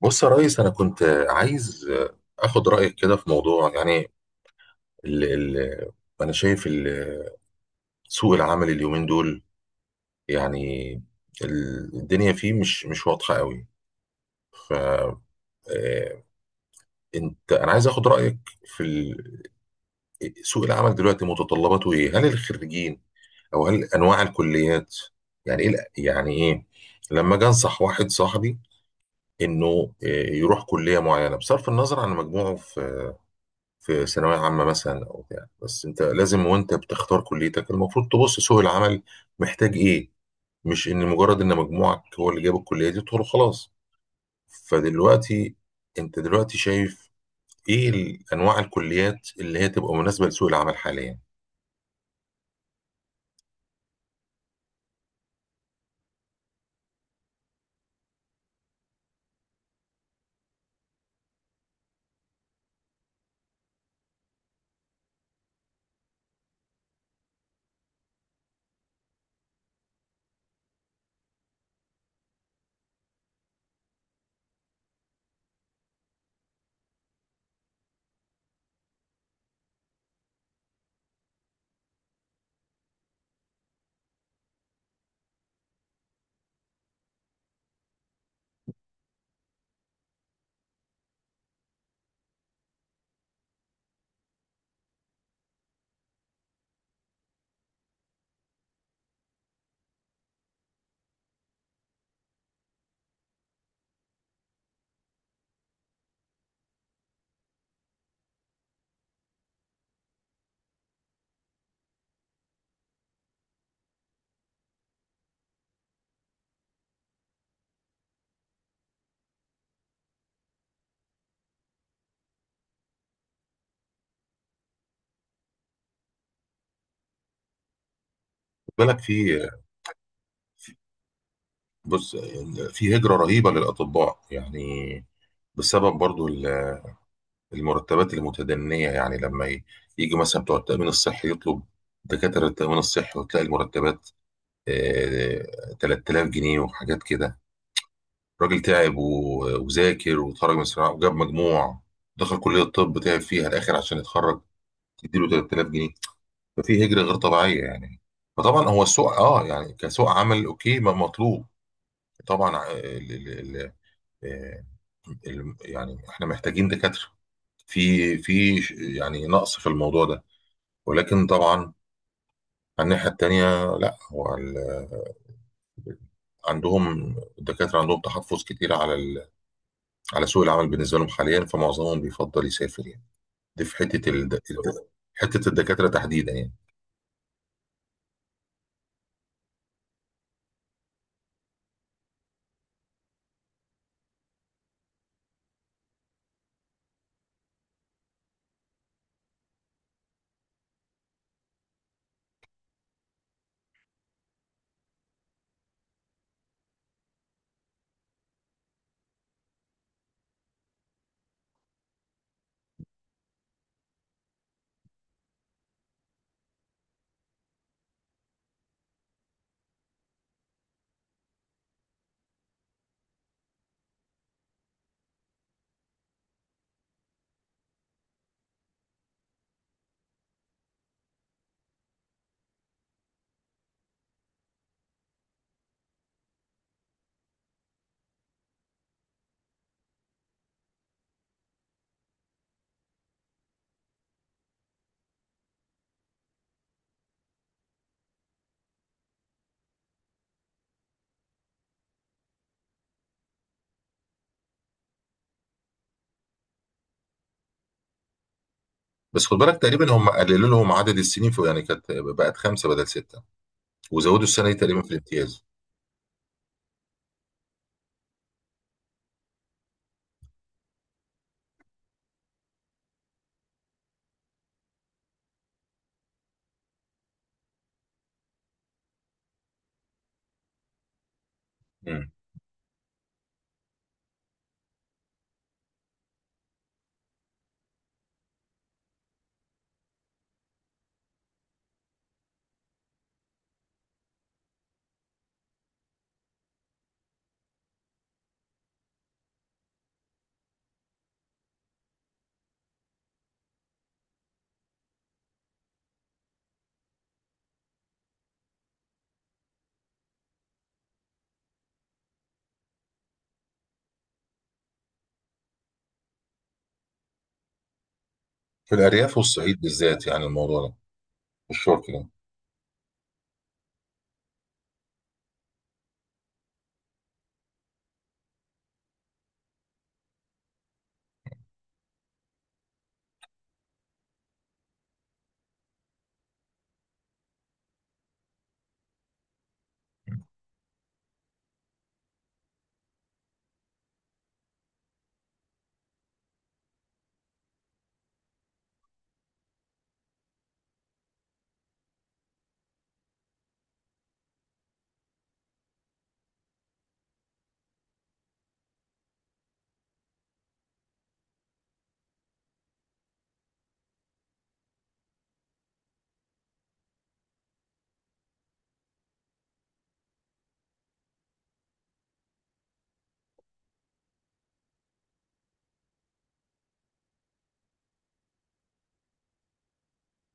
بص يا ريس، انا كنت عايز اخد رايك كده في موضوع. يعني ال ال انا شايف سوق العمل اليومين دول يعني الدنيا فيه مش واضحه قوي. ف آه، انا عايز اخد رايك في سوق العمل دلوقتي متطلباته ايه؟ هل الخريجين او هل انواع الكليات يعني ايه يعني ايه لما اجي انصح واحد صاحبي انه يروح كليه معينه بصرف النظر عن مجموعه في ثانوية عامة مثلا أو بتاع؟ بس أنت لازم وأنت بتختار كليتك المفروض تبص سوق العمل محتاج إيه، مش إن مجرد إن مجموعك هو اللي جاب الكلية دي تدخل خلاص. فدلوقتي أنت دلوقتي شايف إيه أنواع الكليات اللي هي تبقى مناسبة لسوق العمل حاليا؟ خد بالك، في- بص، في هجرة رهيبة للأطباء يعني، بسبب برضو المرتبات المتدنية. يعني لما يجي مثلا بتوع التأمين الصحي يطلب دكاترة التأمين الصحي، وتلاقي المرتبات 3000 جنيه وحاجات كده. الراجل تعب وذاكر وتخرج من الثانوية وجاب مجموع، دخل كلية الطب تعب فيها الآخر عشان يتخرج، تديله 3000 جنيه. ففي هجرة غير طبيعية يعني. فطبعا هو السوق اه، يعني كسوق عمل اوكي، ما مطلوب طبعا. ال ال ال آه، يعني احنا محتاجين دكاترة، في يعني نقص في الموضوع ده. ولكن طبعا على الناحية التانية، لا هو عندهم، الدكاترة عندهم تحفظ كتير على سوق العمل بالنسبه لهم حاليا، فمعظمهم بيفضل يسافر يعني. دي في حته الدكاتره تحديدا يعني. بس خد بالك، تقريبا هم قللوا لهم عدد السنين، في يعني كانت بقت خمسه بدل سته، وزودوا السنه دي تقريبا في الامتياز. مم. في الارياف والصعيد بالذات يعني الموضوع ده، الشرق ده.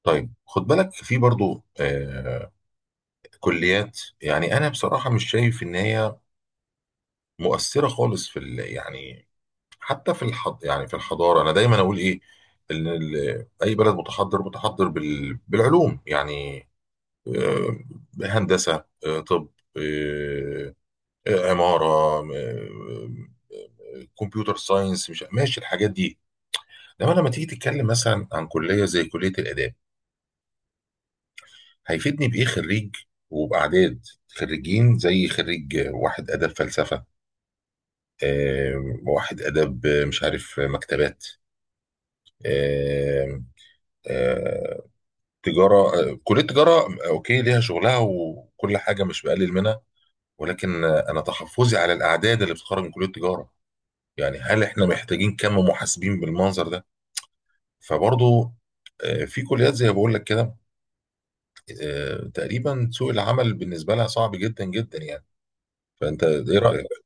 طيب خد بالك في برضو كليات، يعني انا بصراحه مش شايف ان هي مؤثره خالص في يعني حتى في يعني في الحضاره. انا دايما اقول ايه، ان اي بلد متحضر، متحضر بالعلوم يعني. آه، هندسه، طب، آه، عماره، آه، كمبيوتر ساينس. مش ماشي الحاجات دي. انما لما تيجي تتكلم مثلا عن كليه زي كليه الاداب، هيفيدني بايه خريج؟ وباعداد خريجين زي خريج واحد اداب فلسفه، واحد اداب مش عارف مكتبات، آه، آه، تجارة. كلية تجارة أوكي، ليها شغلها وكل حاجة، مش بقلل منها. ولكن أنا تحفظي على الأعداد اللي بتخرج من كلية تجارة. يعني هل إحنا محتاجين كم محاسبين بالمنظر ده؟ فبرضه، في كليات زي ما بقول لك كده تقريبا سوق العمل بالنسبة لها صعب جدا جدا يعني. فأنت إيه رأيك؟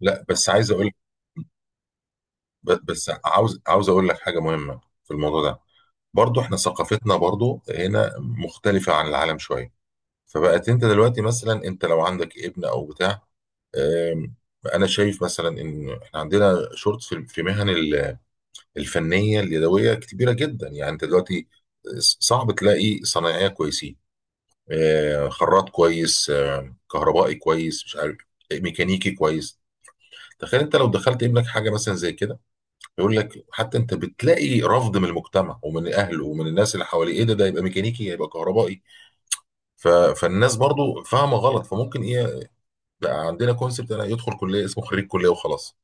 لا بس عايز أقول، ب- بس عاوز أقول لك حاجة مهمة في الموضوع ده. برضه إحنا ثقافتنا برضه هنا مختلفة عن العالم شوية. فبقت انت دلوقتي مثلا، انت لو عندك ابن او بتاع، آم، انا شايف مثلا ان احنا عندنا شورت في مهن الفنيه اليدويه كبيره جدا. يعني انت دلوقتي صعب تلاقي صنايعيه كويسين، خراط كويس، كهربائي كويس، مش عارف، ميكانيكي كويس. تخيل انت لو دخلت ابنك حاجه مثلا زي كده، يقول لك، حتى انت بتلاقي رفض من المجتمع ومن اهله ومن الناس اللي حواليه: ايه ده؟ ده يبقى ميكانيكي، يبقى كهربائي؟ فالناس برضو فاهمه غلط. فممكن ايه، لا، عندنا كونسبت انا يدخل كليه، اسمه خريج كليه وخلاص،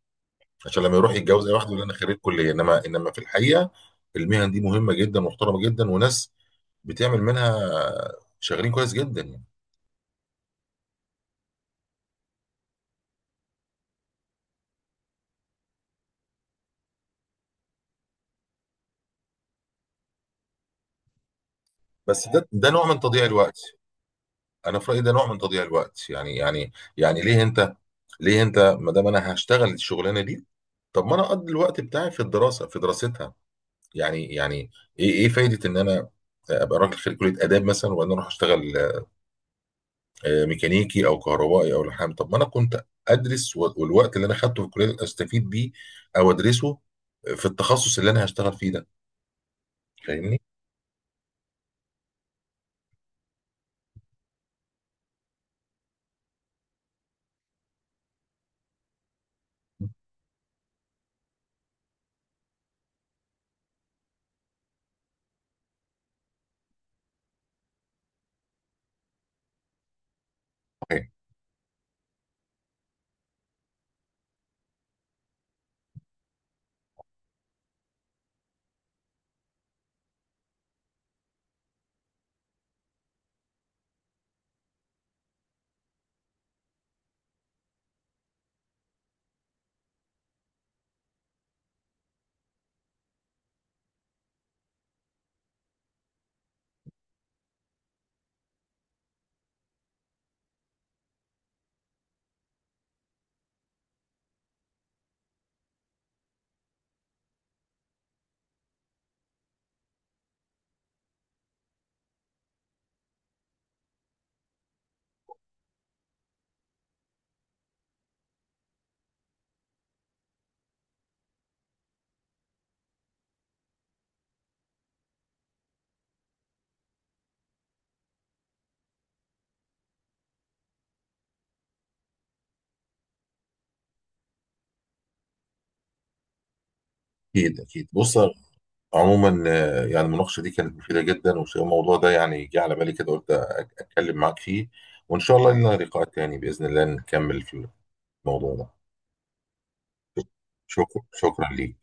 عشان لما يروح يتجوز اي واحد يقول انا خريج كليه. انما في الحقيقه المهن دي مهمه جدا، محترمه جدا، وناس بتعمل منها شغالين كويس جدا يعني. بس ده نوع من تضييع الوقت. انا في رايي ده نوع من تضييع الوقت يعني يعني. يعني ليه انت، ما دام انا هشتغل الشغلانه دي، طب ما انا اقضي الوقت بتاعي في الدراسه، في دراستها يعني يعني. ايه فايده ان انا ابقى راجل خريج كليه اداب مثلا وبعدين اروح اشتغل ميكانيكي او كهربائي او لحام؟ طب ما انا كنت ادرس، والوقت اللي انا خدته في الكليه استفيد بيه، او ادرسه في التخصص اللي انا هشتغل فيه ده. فاهمني؟ أوكي. اكيد اكيد. بص عموما، يعني المناقشه دي كانت مفيده جدا، والموضوع ده يعني جه على بالي كده قلت اتكلم معاك فيه. وان شاء الله لنا لقاء تاني باذن الله نكمل في الموضوع ده. شكرا، شكرا ليك.